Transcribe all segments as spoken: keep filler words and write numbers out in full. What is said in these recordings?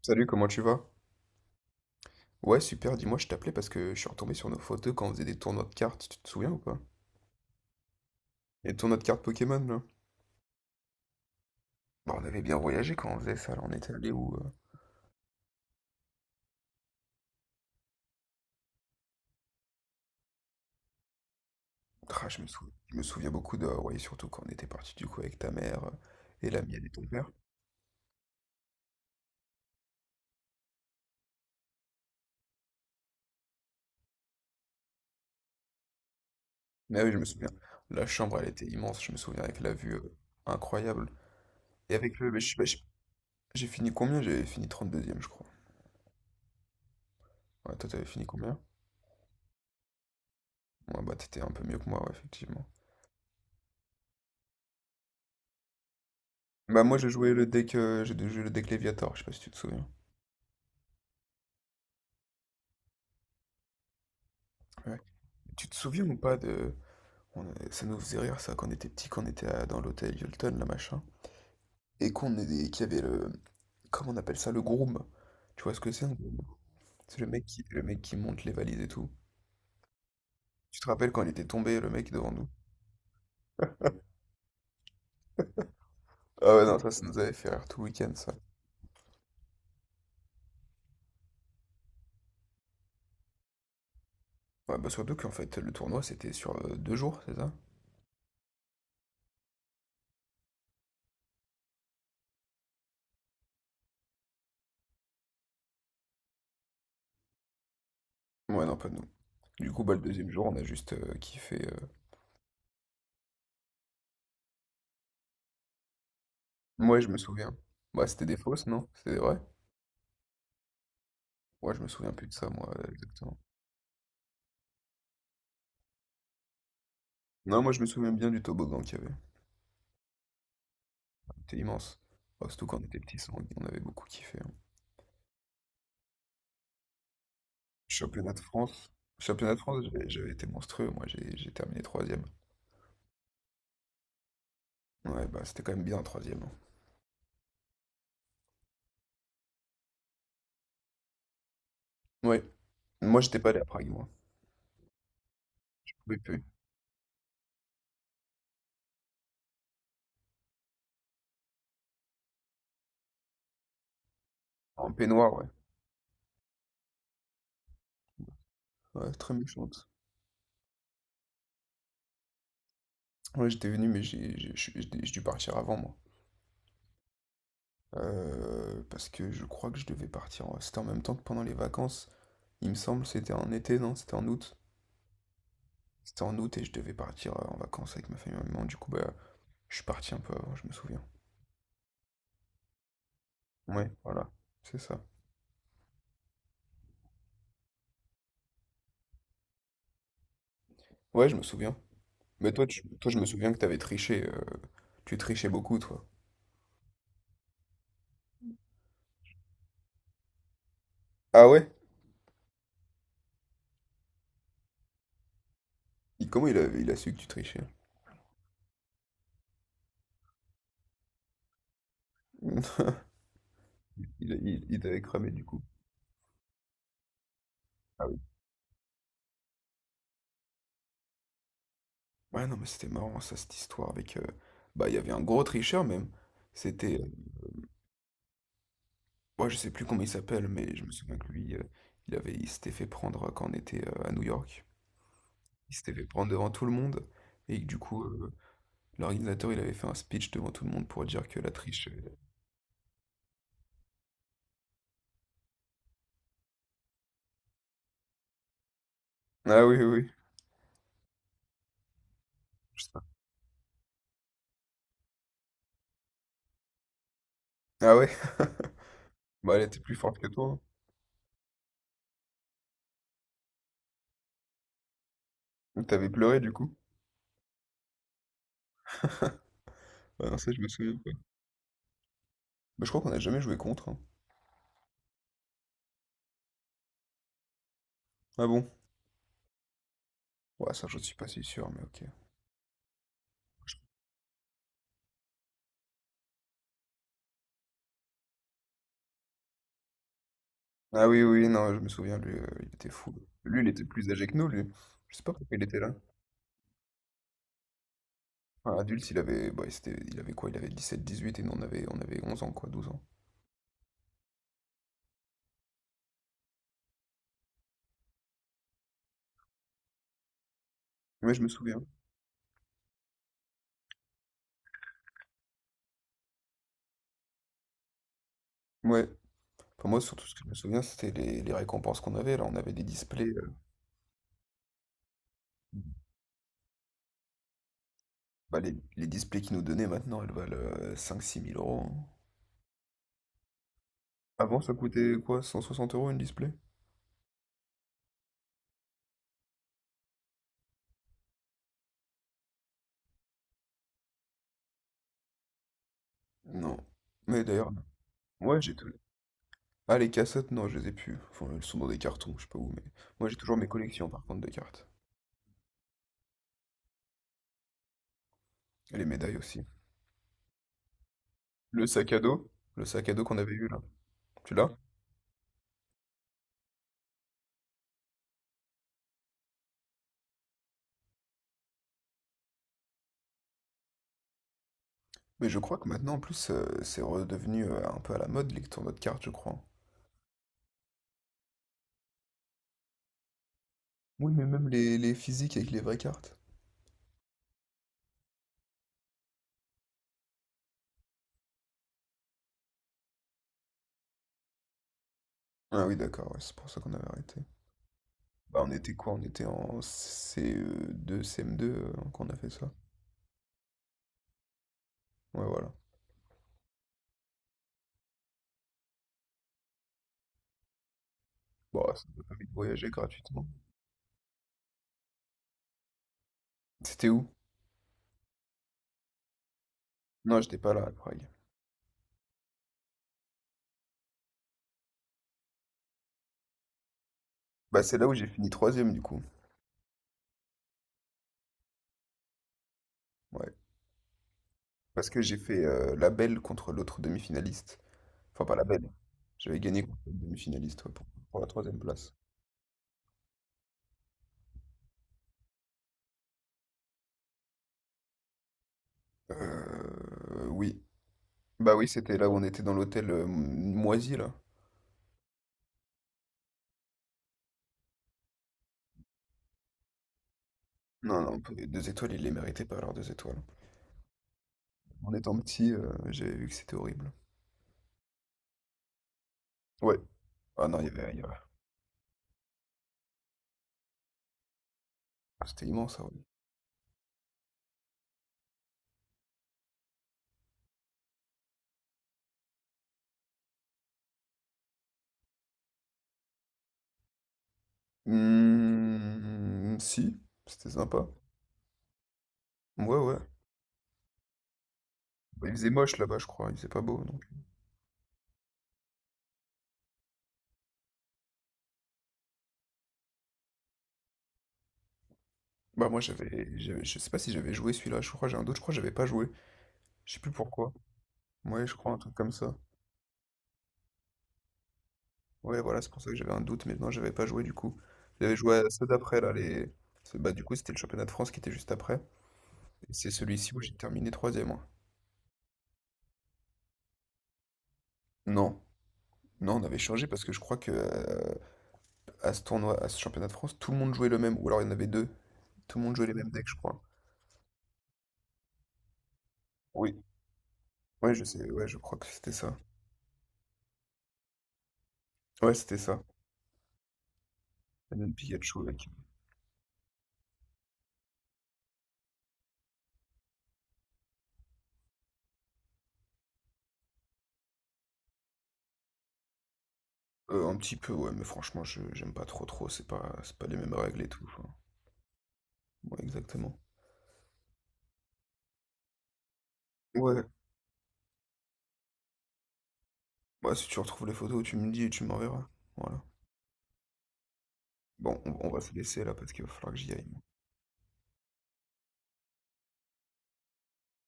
Salut, comment tu vas? Ouais, super, dis-moi, je t'appelais parce que je suis retombé sur nos photos quand on faisait des tournois de cartes, tu te souviens ou pas? Les tournois de cartes Pokémon, là. Bah, on avait bien voyagé quand on faisait ça, là, on était allé où... euh, Ah, je me sou- je me souviens beaucoup de... Ouais, surtout quand on était parti du coup avec ta mère euh, et la mienne et ton père. Mais oui, je me souviens. La chambre, elle était immense, je me souviens, avec la vue euh, incroyable. Et avec le... mais je sais pas, je- J'ai fini combien? J'avais fini trente deuxième, je crois. Ouais, toi, t'avais fini combien? Ouais, bah, t'étais un peu mieux que moi, ouais, effectivement. Bah moi j'ai joué le deck euh, j'ai joué le deck Léviator, je sais pas si tu te souviens. Ouais. Tu te souviens ou pas de... on- Ça nous faisait rire ça quand on était petit, quand on était à- dans l'hôtel Hilton, là machin, et qu'on est- et qu'il y avait le... Comment on appelle ça? Le groom. Tu vois ce que c'est un groom? C'est le mec qui... le mec qui monte les valises et tout. Tu te rappelles quand il était tombé, le mec devant nous? Ah ouais, non, ça, ça nous avait fait rire tout le week-end, ça. Ouais, bah surtout qu'en fait, le tournoi, c'était sur euh, deux jours, c'est ça? Ouais, non, pas nous. Du coup, bah, le deuxième jour, on a juste euh, kiffé. euh. Moi, je me souviens. Bah, c'était des fausses, non? C'était des vraies? Ouais, je me souviens plus de ça, moi, exactement. Non, moi je me souviens bien du toboggan qu'il y avait. C'était immense. Oh, surtout quand on était petits, on on avait beaucoup kiffé, hein. Championnat de France. Championnat de France, j'avais j'avais été monstrueux, moi j'ai j'ai terminé troisième. Ouais, bah c'était quand même bien troisième, hein. Ouais. Moi j'étais pas allé à Prague, moi. Oui, oui. En peignoir, ouais. Ouais, très méchante. Ouais, j'étais venu, mais j'ai j'ai- je j'ai dû partir avant, moi. Euh, parce que je crois que je devais partir. en- C'était en même temps que pendant les vacances. Il me semble, c'était en été, non? C'était en août. C'était en août et je devais partir euh, en vacances avec ma famille et ma maman. Du coup, bah, Je suis parti un peu avant, je me souviens. Ouais, voilà, c'est ça. Ouais, je me souviens. Mais toi, tu- toi je me souviens que t'avais triché. euh, Tu trichais beaucoup, toi. Ah ouais? Il- Comment il a, il a su que tu trichais? Il, il, il t'avait cramé, du coup. Ah oui. Ouais, non, mais c'était marrant, ça, cette histoire avec... euh, Bah, il y avait un gros tricheur, même. C'était... euh, Moi, je sais plus comment il s'appelle, mais je me souviens que lui, euh, il avait... il s'était fait prendre euh, quand on était euh, à New York. Il s'était fait prendre devant tout le monde. Et que, du coup, euh, l'organisateur, il avait fait un speech devant tout le monde pour dire que la triche... Ah oui, oui, oui. Je sais pas. Ah ouais? Bah elle était plus forte que toi, hein. Donc T'avais pleuré du coup? Ah non, ça je me souviens pas. Bah je crois qu'on a jamais joué contre, hein. Ah bon? Ouais, ça je suis pas si sûr, mais ok. Ah oui, oui, oui, non, je me souviens, lui, euh, il était fou. Lui, il était plus âgé que nous, lui. Je sais pas pourquoi il était là. Un adulte, il avait, bah, c'était, il avait quoi? Il avait dix sept dix huit et nous on avait, on avait onze ans, quoi, douze ans. Ouais, je me souviens. Ouais. Enfin, moi, surtout, ce que je me souviens, c'était les, les récompenses qu'on avait. Là, on avait des displays. euh, Bah, les, les displays qu'ils nous donnaient maintenant, elles valent euh, cinq six mille euros, hein. Avant, ça coûtait quoi? cent soixante euros une display? Non. Mais d'ailleurs, ouais, j'ai tout. Ah, les cassettes, non, je les ai plus. Enfin, elles sont dans des cartons, je sais pas où, mais. Moi, j'ai toujours mes collections, par contre, de cartes. Et les médailles aussi. Le sac à dos? Le sac à dos qu'on avait eu, là. Tu l'as? Mais je crois que maintenant, en plus, euh, c'est redevenu euh, un peu à la mode, les tournois de cartes, je crois. Oui, mais même les, les physiques avec les vraies cartes. Ah oui, d'accord, ouais, c'est pour ça qu'on avait arrêté. Bah, on était quoi? On était en C E deux, C M deux, euh, quand on a fait ça. Ouais, voilà. Bon, ça m'a permis de voyager gratuitement. C'était où? Non, j'étais pas là à Prague. Bah, c'est là où j'ai fini troisième, du coup. Ouais. Parce que j'ai fait euh, la belle contre l'autre demi-finaliste. Enfin, pas la belle. J'avais gagné contre l'autre demi-finaliste ouais, pour, pour la troisième place. Euh, oui. Bah oui, c'était là où on était dans l'hôtel euh, moisi, là. Non, non, les deux étoiles, ils les méritaient pas, leurs deux étoiles. En étant petit, euh, j'avais vu que c'était horrible. Ouais. Ah non, il y avait... il y avait- C'était immense, ça, ouais. Hmm, si, c'était sympa. Ouais, ouais. Bah, Il faisait moche là-bas, je crois. Il faisait pas beau, non? Bah moi j'avais, j'avais- je sais pas si j'avais joué celui-là, je crois j'ai un doute, je crois que j'avais pas joué, je sais plus pourquoi. Ouais, je crois un truc comme ça. Ouais, voilà, c'est pour ça que j'avais un doute, mais non, j'avais pas joué du coup. J'avais joué à ceux d'après là, les... c'est- Bah du coup c'était le championnat de France qui était juste après, et c'est celui-ci où j'ai terminé troisième. moi. Non, non, on avait changé parce que je crois que euh, à ce tournoi, à ce championnat de France, tout le monde jouait le même, ou alors il y en avait deux, tout le monde jouait les mêmes decks, je crois. Oui. Ouais, je sais, ouais, je crois que c'était ça. Ouais, c'était ça. Banane Pikachu, avec. Heu, un petit peu, ouais, mais franchement, je j'aime pas trop, trop, c'est pas c'est pas les mêmes règles et tout, enfin, ouais, exactement. Ouais, bah, si tu retrouves les photos, tu me dis et tu m'enverras. Voilà. Bon, on on va se laisser là parce qu'il va falloir que j'y aille. moi.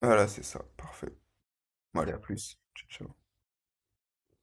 Voilà, c'est ça, parfait. bon Allez, à plus. Ciao tcha.